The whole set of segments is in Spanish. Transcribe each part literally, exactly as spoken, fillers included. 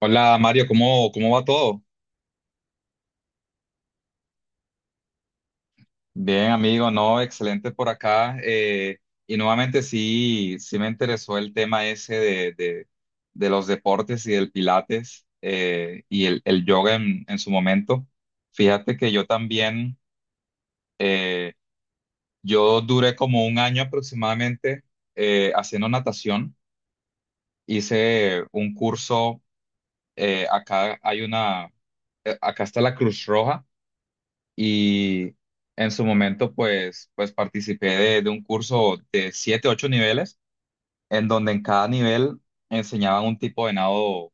Hola Mario, ¿cómo, cómo va todo? Bien, amigo, no, excelente por acá. Eh, y nuevamente sí, sí me interesó el tema ese de, de- de los deportes y del pilates, eh, y el, el yoga en, en su momento. Fíjate que yo también, eh, yo duré como un año aproximadamente eh, haciendo natación. Hice un curso, eh, acá hay una, eh, acá está la Cruz Roja y en su momento pues, pues participé de, de un curso de siete, ocho niveles, en donde en cada nivel enseñaban un tipo de nado,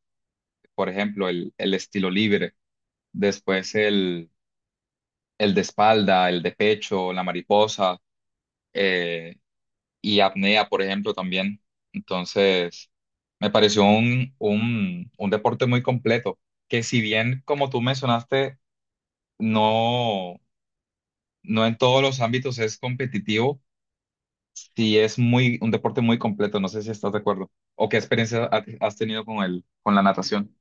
por ejemplo, el, el estilo libre, después el, el de espalda, el de pecho, la mariposa, eh, y apnea, por ejemplo, también. Entonces, me pareció un, un, un deporte muy completo, que si bien, como tú mencionaste, no, no en todos los ámbitos es competitivo. Sí, es muy, un deporte muy completo, no sé si estás de acuerdo. ¿O qué experiencia ha- has tenido con el, con la natación?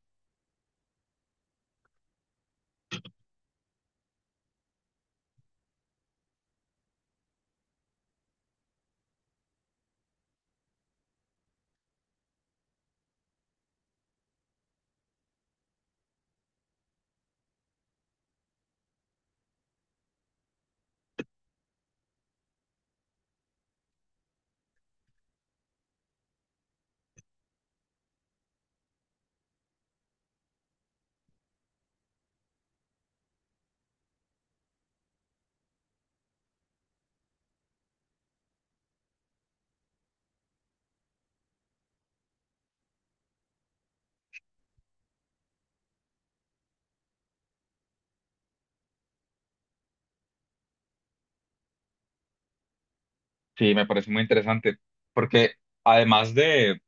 Sí, me parece muy interesante, porque además de,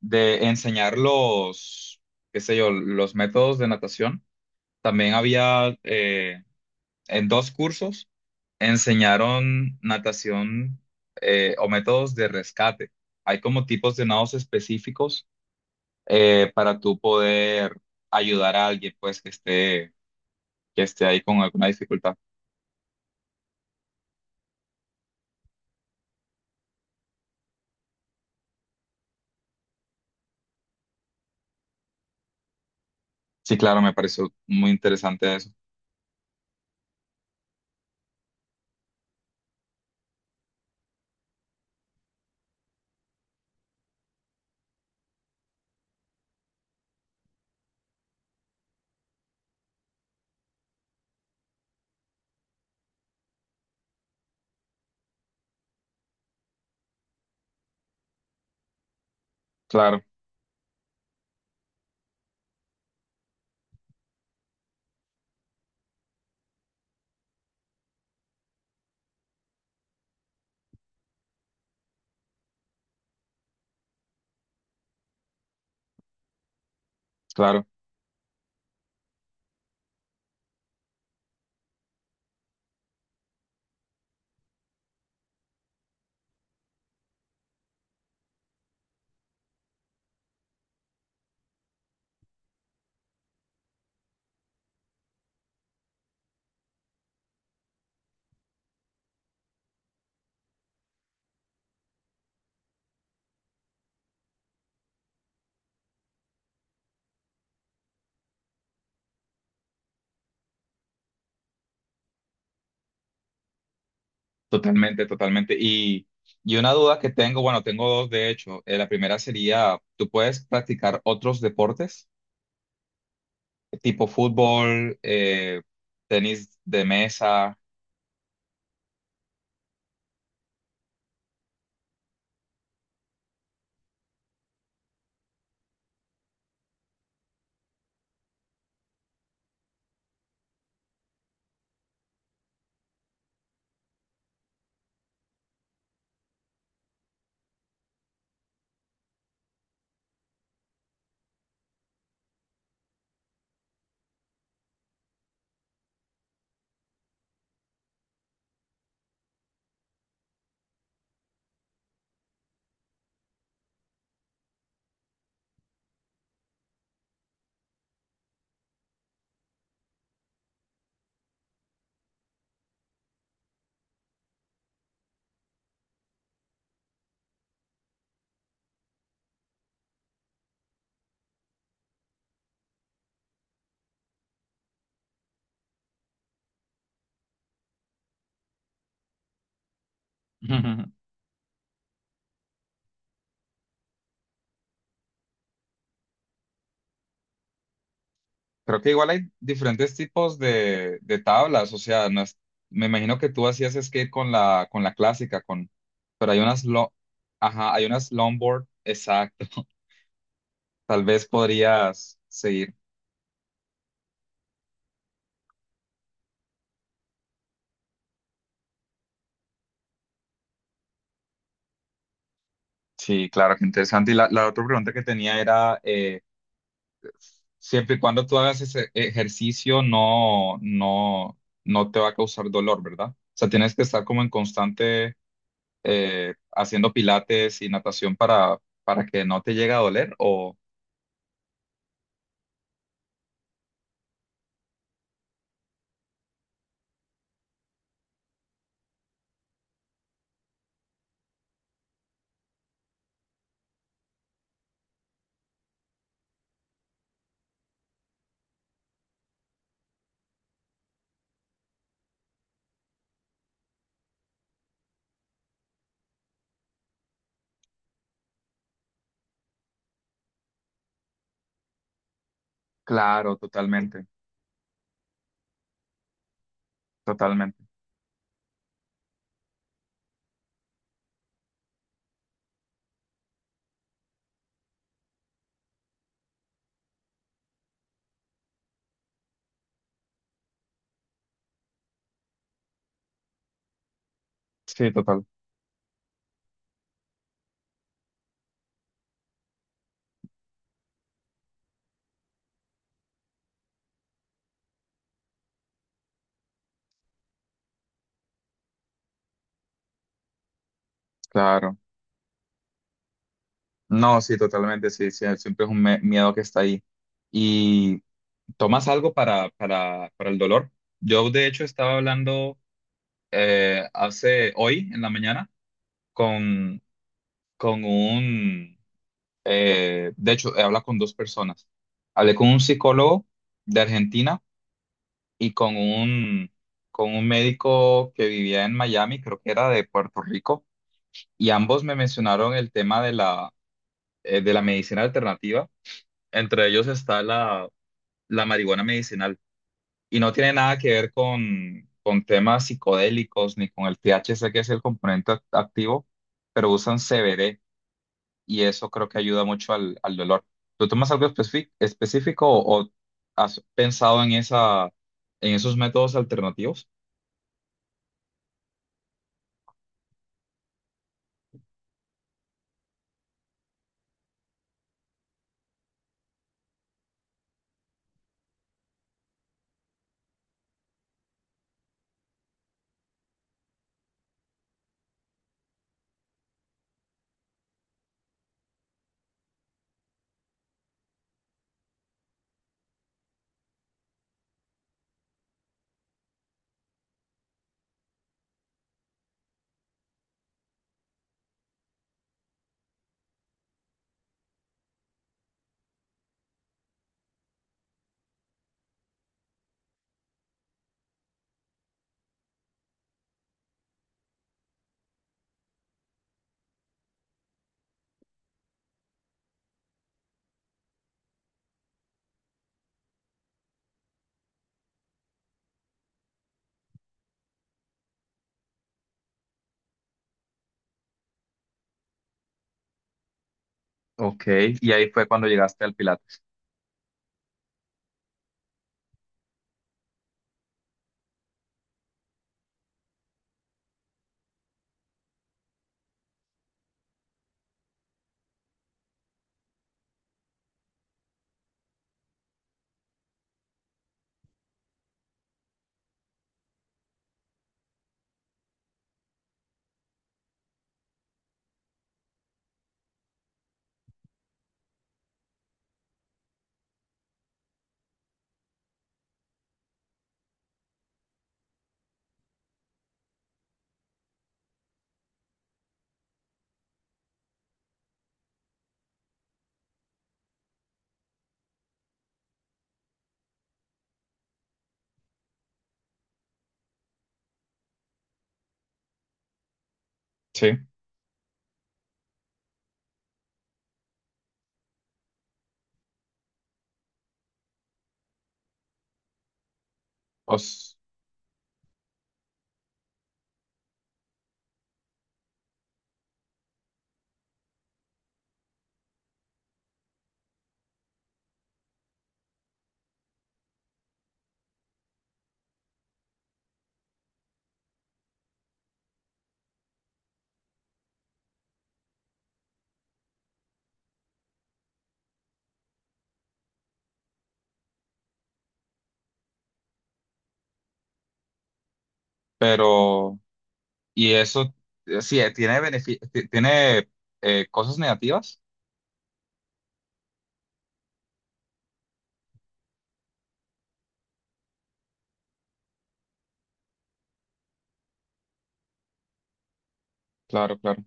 de enseñar los, qué sé yo, los métodos de natación, también había, eh, en dos cursos enseñaron natación, eh, o métodos de rescate. Hay como tipos de nados específicos, eh, para tú poder ayudar a alguien pues que esté, que esté ahí con alguna dificultad. Sí, claro, me pareció muy interesante eso. Claro, claro, totalmente, totalmente. Y, y una duda que tengo, bueno, tengo dos de hecho. Eh, la primera sería, ¿tú puedes practicar otros deportes? Tipo fútbol, eh, tenis de mesa. Creo que igual hay diferentes tipos de, de tablas, o sea, no es- me imagino que tú hacías skate con la, con la clásica, con, pero hay unas, lo, ajá, hay unas longboard, exacto. Tal vez podrías seguir. Sí, claro, qué interesante. Y la, la otra pregunta que tenía era, eh, siempre y cuando tú hagas ese ejercicio, no, no, no te va a causar dolor, ¿verdad? O sea, tienes que estar como en constante, eh, haciendo pilates y natación para, para que no te llegue a doler, o... Claro, totalmente, totalmente. Sí, total, claro. No, sí, totalmente, sí, sí, siempre es un me- miedo que está ahí. ¿Y tomas algo para, para, para el dolor? Yo, de hecho, estaba hablando, eh, hace hoy en la mañana con, con un, eh, de hecho, he hablado con dos personas. Hablé con un psicólogo de Argentina y con un, con un médico que vivía en Miami, creo que era de Puerto Rico, y ambos me mencionaron el tema de la, eh, de la medicina alternativa. Entre ellos está la, la marihuana medicinal. Y no tiene nada que ver con, con temas psicodélicos ni con el T H C, que es el componente act- activo, pero usan C B D y eso creo que ayuda mucho al, al dolor. ¿Tú tomas algo especi- específico o, o has pensado en esa, en esos métodos alternativos? Ok, y ahí fue cuando llegaste al Pilates. Sí, os- pero, y eso, eh, sí, eh, tiene benefi- ti- tiene, eh, cosas negativas. Claro, claro.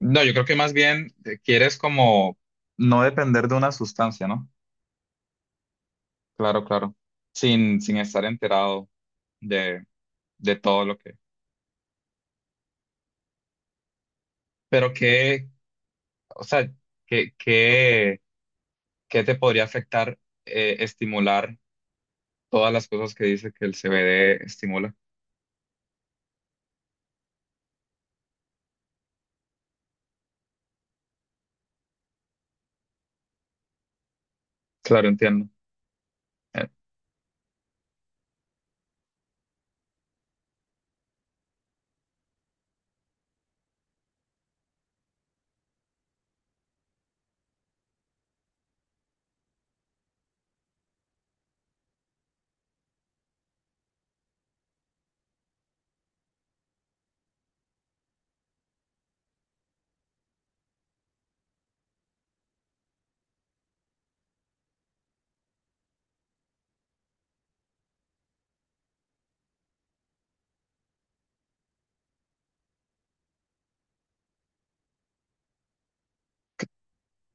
No, yo creo que más bien, eh, quieres como no depender de una sustancia, ¿no? Claro, claro. Sin, sin estar enterado de, de todo lo que... Pero qué, o sea, qué, qué, qué te podría afectar, eh, estimular todas las cosas que dice que el C B D estimula. Claro, entiendo. Eh,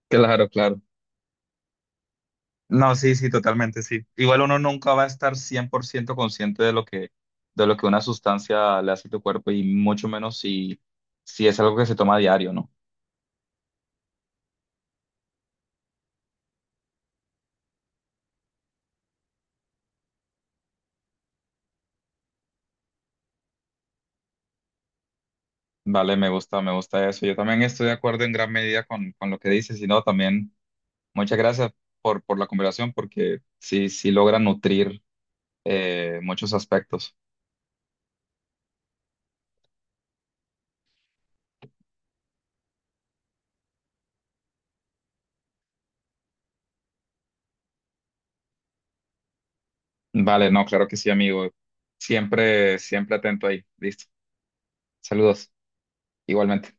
claro, claro. No, sí, sí, totalmente, sí. Igual uno nunca va a estar cien por ciento consciente de lo que, de lo que una sustancia le hace a tu cuerpo y mucho menos si, si es algo que se toma a diario, ¿no? Vale, me gusta, me gusta eso. Yo también estoy de acuerdo en gran medida con, con lo que dices y no, también muchas gracias por, por la conversación porque sí, sí logra nutrir, eh, muchos aspectos. Vale, no, claro que sí, amigo. Siempre, siempre atento ahí. Listo. Saludos, igualmente.